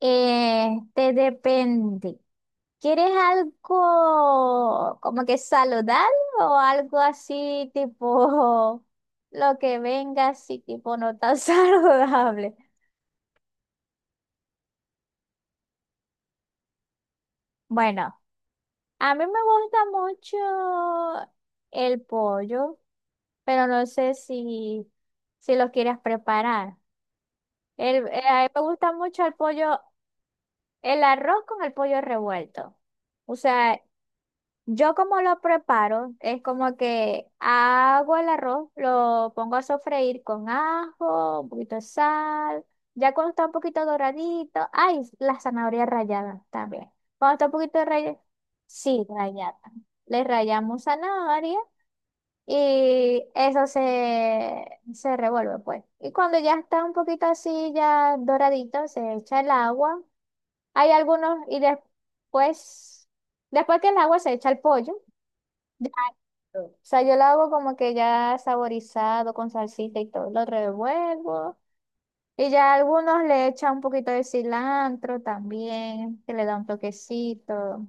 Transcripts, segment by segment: Este depende. ¿Quieres algo como que saludable o algo así tipo lo que venga así tipo no tan saludable? Bueno, a mí me gusta mucho el pollo, pero no sé si lo quieres preparar. El, a mí me gusta mucho el pollo, el arroz con el pollo revuelto. O sea, yo como lo preparo, es como que hago el arroz, lo pongo a sofreír con ajo, un poquito de sal, ya cuando está un poquito doradito, ay, la zanahoria rallada también. Cuando está un poquito rallada, sí, rallada. Le rallamos zanahoria y se revuelve pues. Y cuando ya está un poquito así, ya doradito, se echa el agua. Hay algunos y después que el agua se echa el pollo. Ya. O sea, yo lo hago como que ya saborizado con salsita y todo. Lo revuelvo. Y ya algunos le echan un poquito de cilantro también, que le da un toquecito.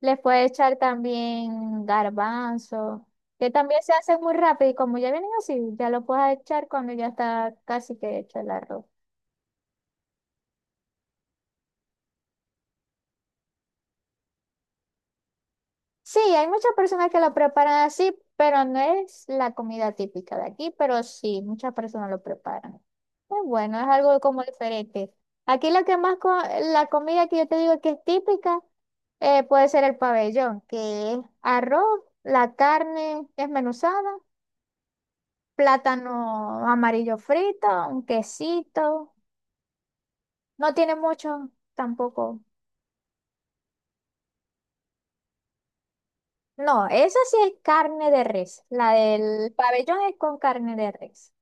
Les puede echar también garbanzo, que también se hace muy rápido. Y como ya vienen así, ya lo puedes echar cuando ya está casi que hecho el arroz. Sí, hay muchas personas que lo preparan así, pero no es la comida típica de aquí, pero sí, muchas personas lo preparan. Es bueno, es algo como diferente. Aquí lo que más, la comida que yo te digo que es típica, puede ser el pabellón, que es arroz, la carne desmenuzada, plátano amarillo frito, un quesito. No tiene mucho tampoco. No, esa sí es carne de res. La del pabellón es con carne de res.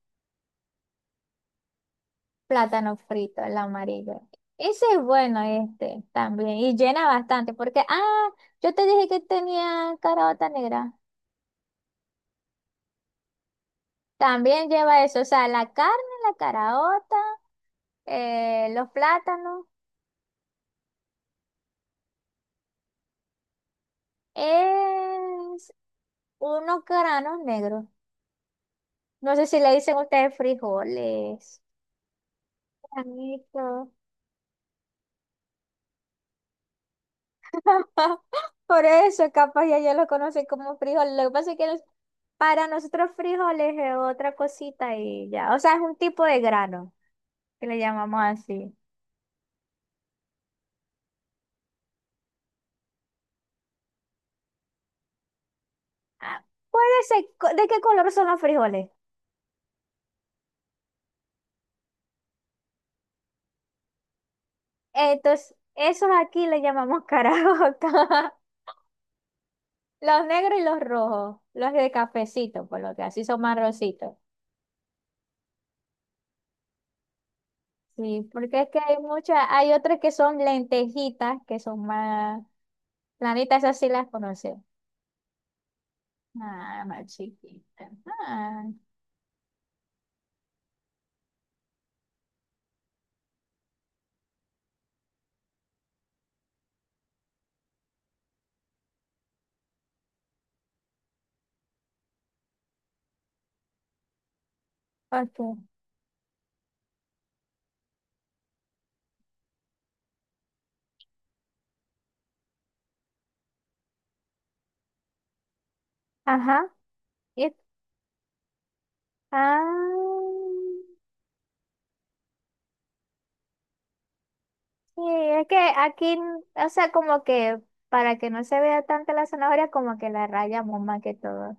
Plátano frito, el amarillo. Ese es bueno este también y llena bastante porque, ah, yo te dije que tenía caraota negra. También lleva eso, o sea, la carne, la caraota, los plátanos, es unos granos negros. No sé si le dicen ustedes frijoles. Granitos. Por eso, capaz ya lo conocen como frijol. Lo que pasa es que para nosotros frijoles es otra cosita y ya. O sea, es un tipo de grano que le llamamos así. Ah, puede ser, ¿de qué color son los frijoles? Entonces, esos aquí le llamamos caraotas. Los negros y los rojos. Los de cafecito, por lo que así son marroncitos. Sí, porque es que hay muchas, hay otras que son lentejitas, que son más planitas, esas sí las conoces. Ah, más chiquita. Ah, ok. Ajá. Y es- ah, sí, es que aquí, o sea, como que para que no se vea tanta la zanahoria, como que la rayamos más que todo.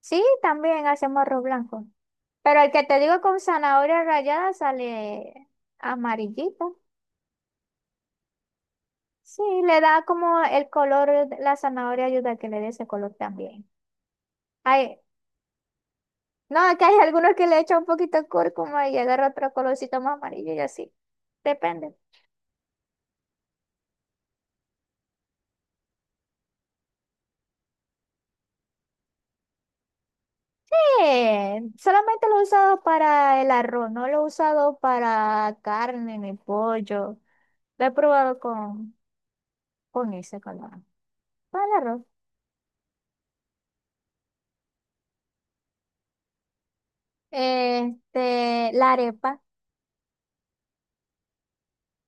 Sí, también hacemos arroz blanco. Pero el que te digo con zanahoria rallada sale amarillito. Sí, le da como el color, la zanahoria ayuda a que le dé ese color también. Ay, no, que hay algunos que le echan un poquito de cúrcuma y agarra otro colorcito más amarillo y así. Depende. Solamente lo he usado para el arroz, no lo he usado para carne ni pollo. Lo he probado con ese color. Para el arroz. Este, la arepa.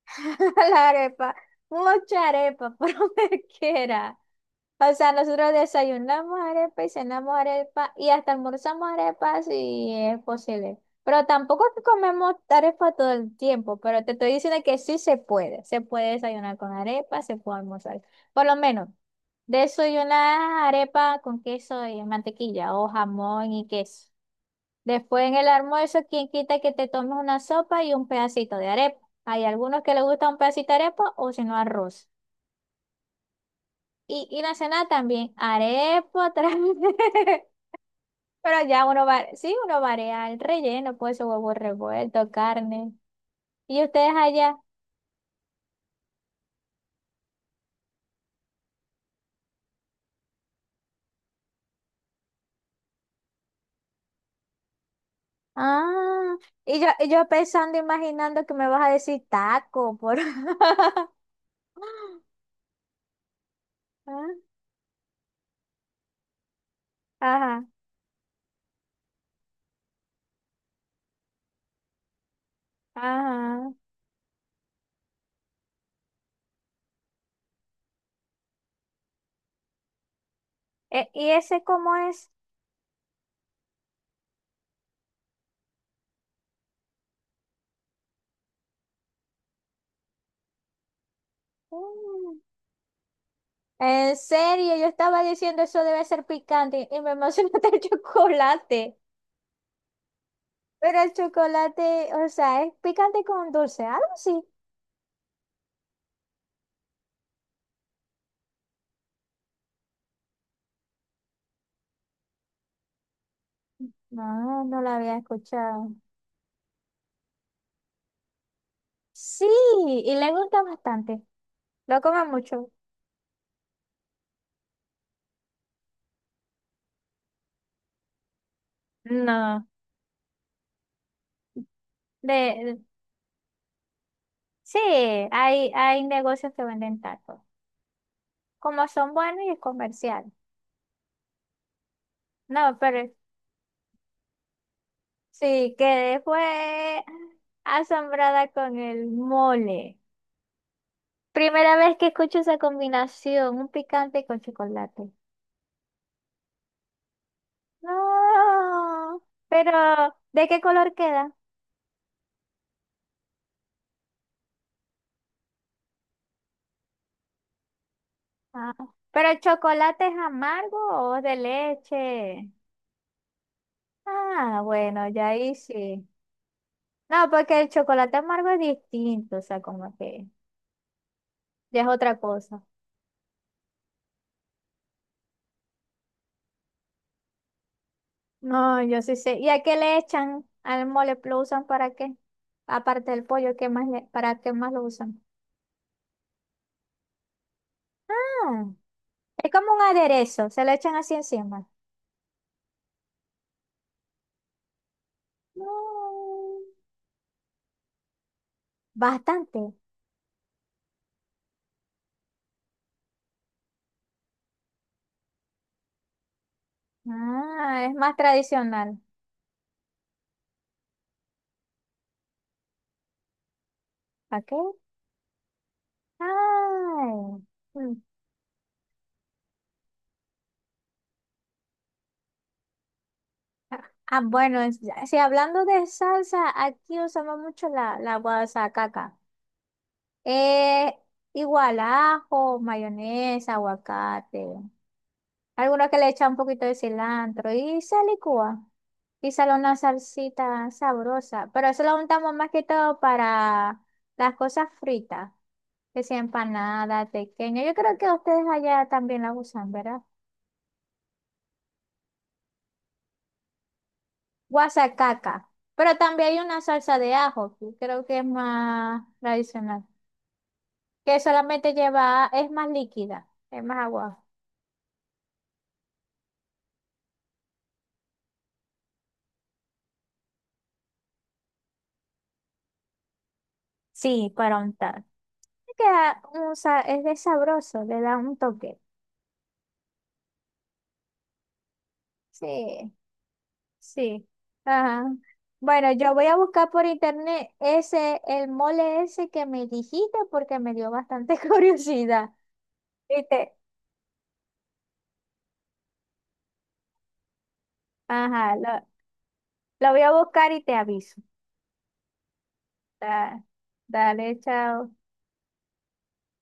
La arepa. Mucha arepa, por donde quiera. O sea, nosotros desayunamos arepa y cenamos arepa y hasta almorzamos arepa si es posible. Pero tampoco es que comemos arepa todo el tiempo, pero te estoy diciendo que sí se puede. Se puede desayunar con arepa, se puede almorzar. Por lo menos, desayunar arepa con queso y mantequilla o jamón y queso. Después en el almuerzo, quien quita que te tomes una sopa y un pedacito de arepa. Hay algunos que les gusta un pedacito de arepa o si no arroz. Y la cena también, arepa otra vez. Pero ya uno va, sí, uno varía el relleno, pues huevo revuelto, carne. Y ustedes allá, ah, y yo pensando, imaginando que me vas a decir taco, por... Ah, Ajá, ajá. ¿Y ese cómo es? Mm, en serio, yo estaba diciendo eso debe ser picante y me emocionó el chocolate. Pero el chocolate, o sea, es picante con dulce, algo así. No, no la había escuchado. Sí, y le gusta bastante. Lo come mucho. No, de, sí, hay negocios que venden tacos. Como son buenos y es comercial. No, pero sí, quedé fue asombrada con el mole. Primera vez que escucho esa combinación, un picante con chocolate. No, pero ¿de qué color queda? Ah, ¿pero el chocolate es amargo o es de leche? Ah, bueno, ya ahí sí. No, porque el chocolate amargo es distinto, o sea, como que ya es otra cosa. No, yo sí sé. ¿Y a qué le echan al mole? ¿Lo usan para qué? Aparte del pollo, ¿qué ¿para qué más lo usan? Ah, es como un aderezo, se lo echan así encima. No, bastante. Ah, es más tradicional. ¿Para qué? Ay, mm. Ah, ah, bueno, si hablando de salsa, aquí usamos mucho la guasacaca. Eh, igual ajo, mayonesa, aguacate. Algunos que le echan un poquito de cilantro y se licúa. Y sale una salsita sabrosa. Pero eso lo untamos más que todo para las cosas fritas. Que sea empanada, pequeña. Yo creo que ustedes allá también la usan, ¿verdad? Guasacaca. Pero también hay una salsa de ajo, que creo que es más tradicional. Que solamente lleva, es más líquida, es más agua. Sí, para untar. Queda un es de sabroso, le da un toque. Sí, sí. Ajá. Bueno, yo voy a buscar por internet ese, el mole ese que me dijiste porque me dio bastante curiosidad. Y te- ajá, lo voy a buscar y te aviso. Da- dale, chao.